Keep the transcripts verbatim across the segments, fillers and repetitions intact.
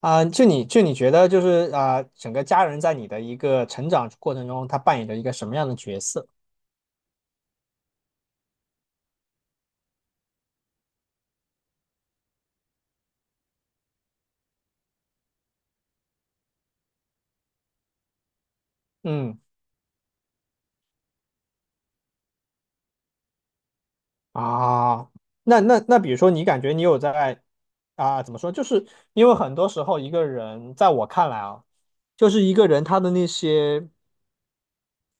啊，就你就你觉得就是啊，整个家人在你的一个成长过程中，他扮演着一个什么样的角色？嗯啊，那那那，比如说你感觉你有在啊，怎么说？就是因为很多时候一个人，在我看来啊，就是一个人他的那些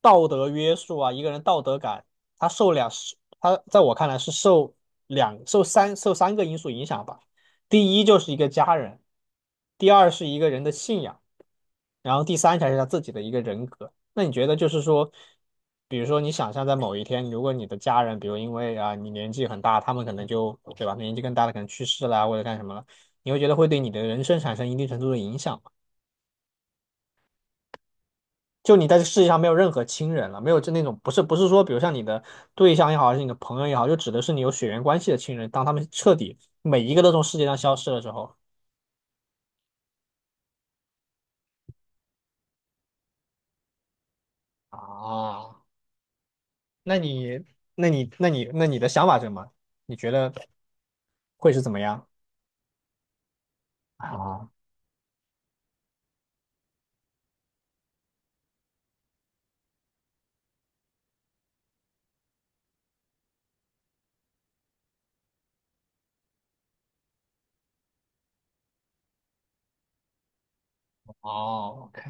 道德约束啊，一个人道德感，他受两是他在我看来是受两受三受三个因素影响吧。第一就是一个家人，第二是一个人的信仰。然后第三条是他自己的一个人格。那你觉得就是说，比如说你想象在某一天，如果你的家人，比如因为啊你年纪很大，他们可能就对吧，年纪更大的可能去世啦或者干什么了，你会觉得会对你的人生产生一定程度的影响吗？就你在这世界上没有任何亲人了，没有就那种不是不是说，比如像你的对象也好，还是你的朋友也好，就指的是你有血缘关系的亲人，当他们彻底每一个都从世界上消失的时候啊，那你那你那你那你的想法是什么？你觉得会是怎么样？啊，哦，OK，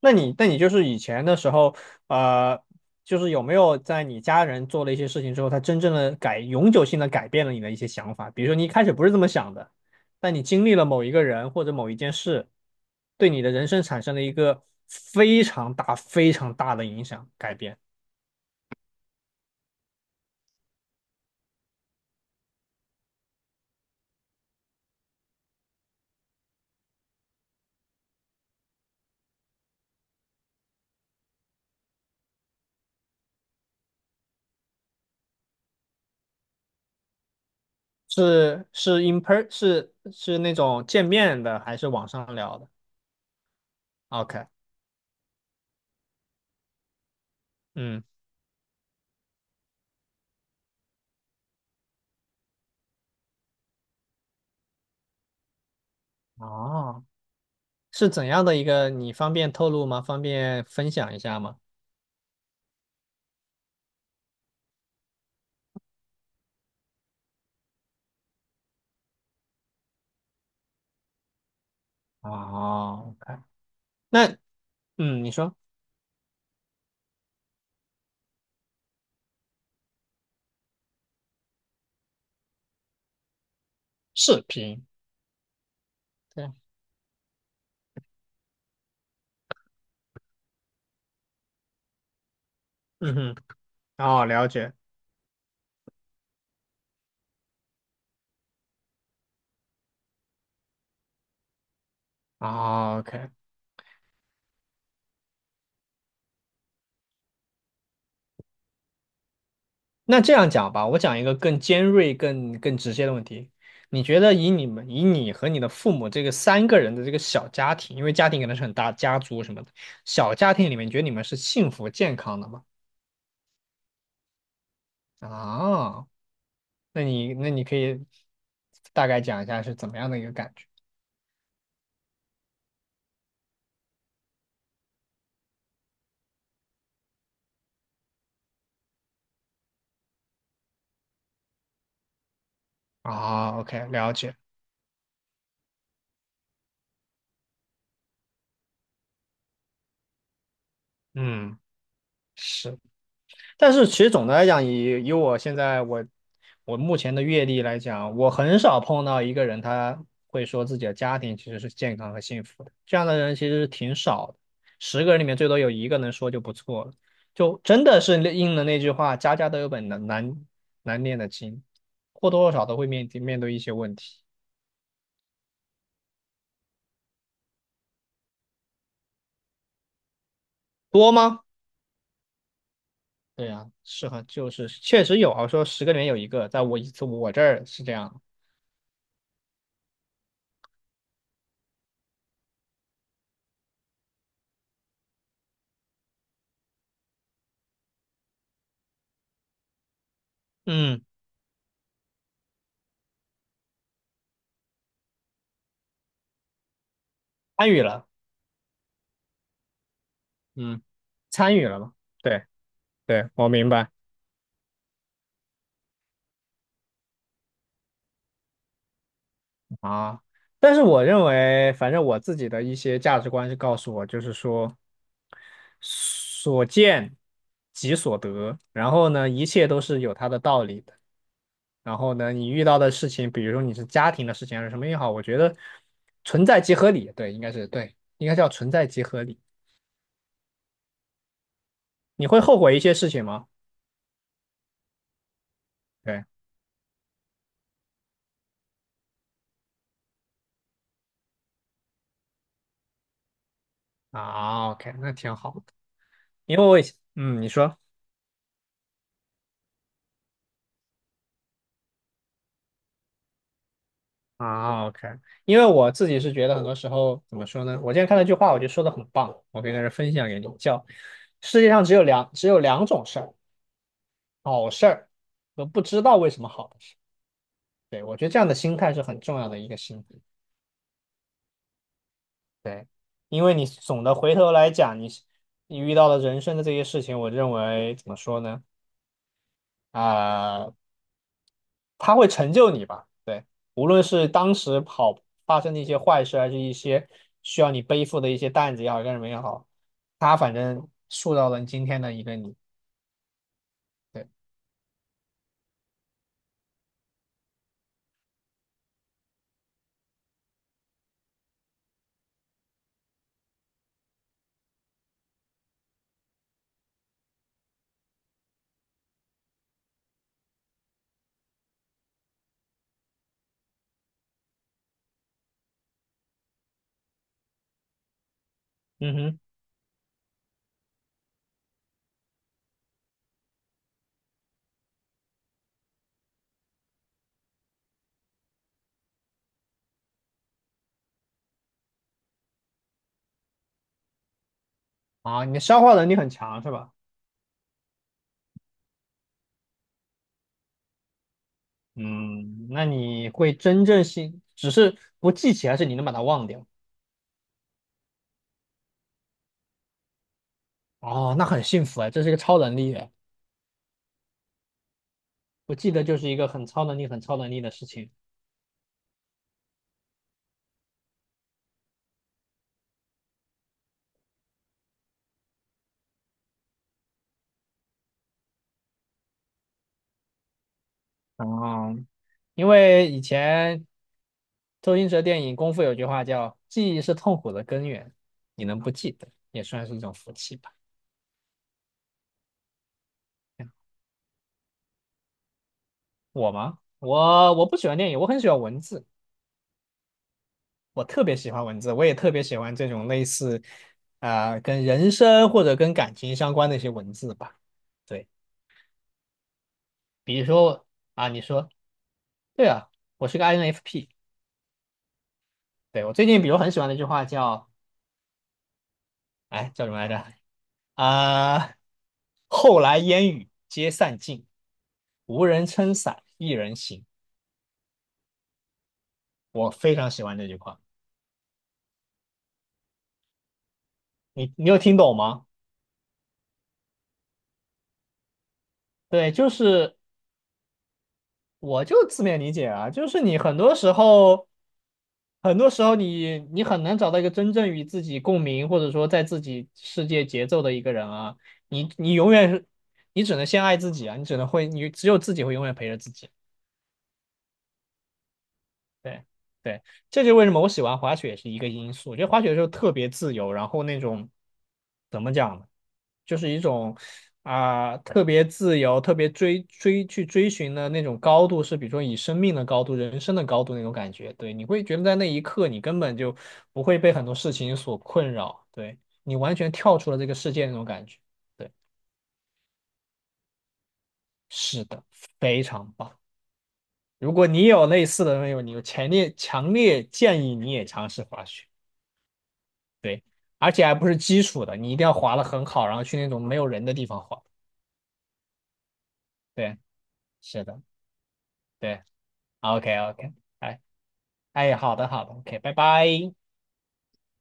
那你那你就是以前的时候，呃，就是有没有在你家人做了一些事情之后，他真正的改永久性的改变了你的一些想法？比如说你一开始不是这么想的，但你经历了某一个人或者某一件事，对你的人生产生了一个非常大、非常大的影响改变，是是 in per 是是那种见面的，还是网上聊的？OK，嗯，哦是怎样的一个？你方便透露吗？方便分享一下吗？哦，OK，那嗯，你说视频，对，嗯哼，哦，了解，哦，OK，那这样讲吧，我讲一个更尖锐、更更直接的问题。你觉得以你们、以你和你的父母这个三个人的这个小家庭，因为家庭可能是很大，家族什么的，小家庭里面，你觉得你们是幸福健康的吗？啊，那你那你可以大概讲一下是怎么样的一个感觉？啊，OK，了解，嗯，是，但是其实总的来讲，以以我现在我我目前的阅历来讲，我很少碰到一个人他会说自己的家庭其实是健康和幸福的，这样的人其实是挺少的，十个人里面最多有一个能说就不错了，就真的是那应了那句话，家家都有本难难难念的经，或多或少都会面面对一些问题，多吗？对呀，是很就是确实有啊，说十个里面有一个，在我一次我这儿是这样。嗯，参与了，嗯参与了嘛？对对，我明白啊。但是我认为，反正我自己的一些价值观是告诉我，就是说所见即所得，然后呢，一切都是有它的道理的。然后呢，你遇到的事情，比如说你是家庭的事情还是什么也好，我觉得存在即合理，对，应该是对，应该叫存在即合理。你会后悔一些事情吗？对啊，OK，那挺好的，因为我以前嗯，你说。啊，OK，因为我自己是觉得很多时候怎么说呢？我今天看到一句话，我觉得说的很棒，我可以在这分享给你，叫世界上只有两只有两种事儿，好事儿和不知道为什么好的事。对，我觉得这样的心态是很重要的一个心态。对，因为你总的回头来讲，你你遇到的人生的这些事情，我认为怎么说呢？啊、它会成就你吧？对，无论是当时跑发生的一些坏事，还是一些需要你背负的一些担子也好，干什么也好，它反正塑造了今天的一个你。对，嗯哼，啊，你的消化能力很强是吧？嗯，那你会真正信，只是不记起来，是你能把它忘掉。哦，那很幸福哎，这是一个超能力哎，不记得就是一个很超能力、很超能力的事情。嗯，因为以前周星驰的电影《功夫》有句话叫“记忆是痛苦的根源”，你能不记得也算是一种福气吧。嗯我吗？我我不喜欢电影，我很喜欢文字，我特别喜欢文字，我也特别喜欢这种类似啊、呃跟人生或者跟感情相关的一些文字吧。对，比如说啊，你说对啊，我是个 I N F P。对，我最近比如很喜欢的一句话叫哎叫什么来着？啊、后来烟雨皆散尽，无人撑伞，一人行。我非常喜欢这句话。你你有听懂吗？对，就是我就字面理解啊，就是你很多时候，很多时候你你很难找到一个真正与自己共鸣，或者说在自己世界节奏的一个人啊，你你永远是，你只能先爱自己啊，你只能会，你只有自己会永远陪着自己。对对，这就是为什么我喜欢滑雪也是一个因素。我觉得滑雪的时候特别自由，然后那种怎么讲呢，就是一种啊、特别自由、特别追追去追寻的那种高度，是比如说以生命的高度、人生的高度那种感觉。对，你会觉得在那一刻你根本就不会被很多事情所困扰，对你完全跳出了这个世界那种感觉。对，是的，非常棒。如果你有类似的那种，你有强烈强烈建议你也尝试滑雪。对，而且还不是基础的，你一定要滑的很好，然后去那种没有人的地方滑。对，是的，对，OK OK，哎哎，好的好的，OK，拜拜。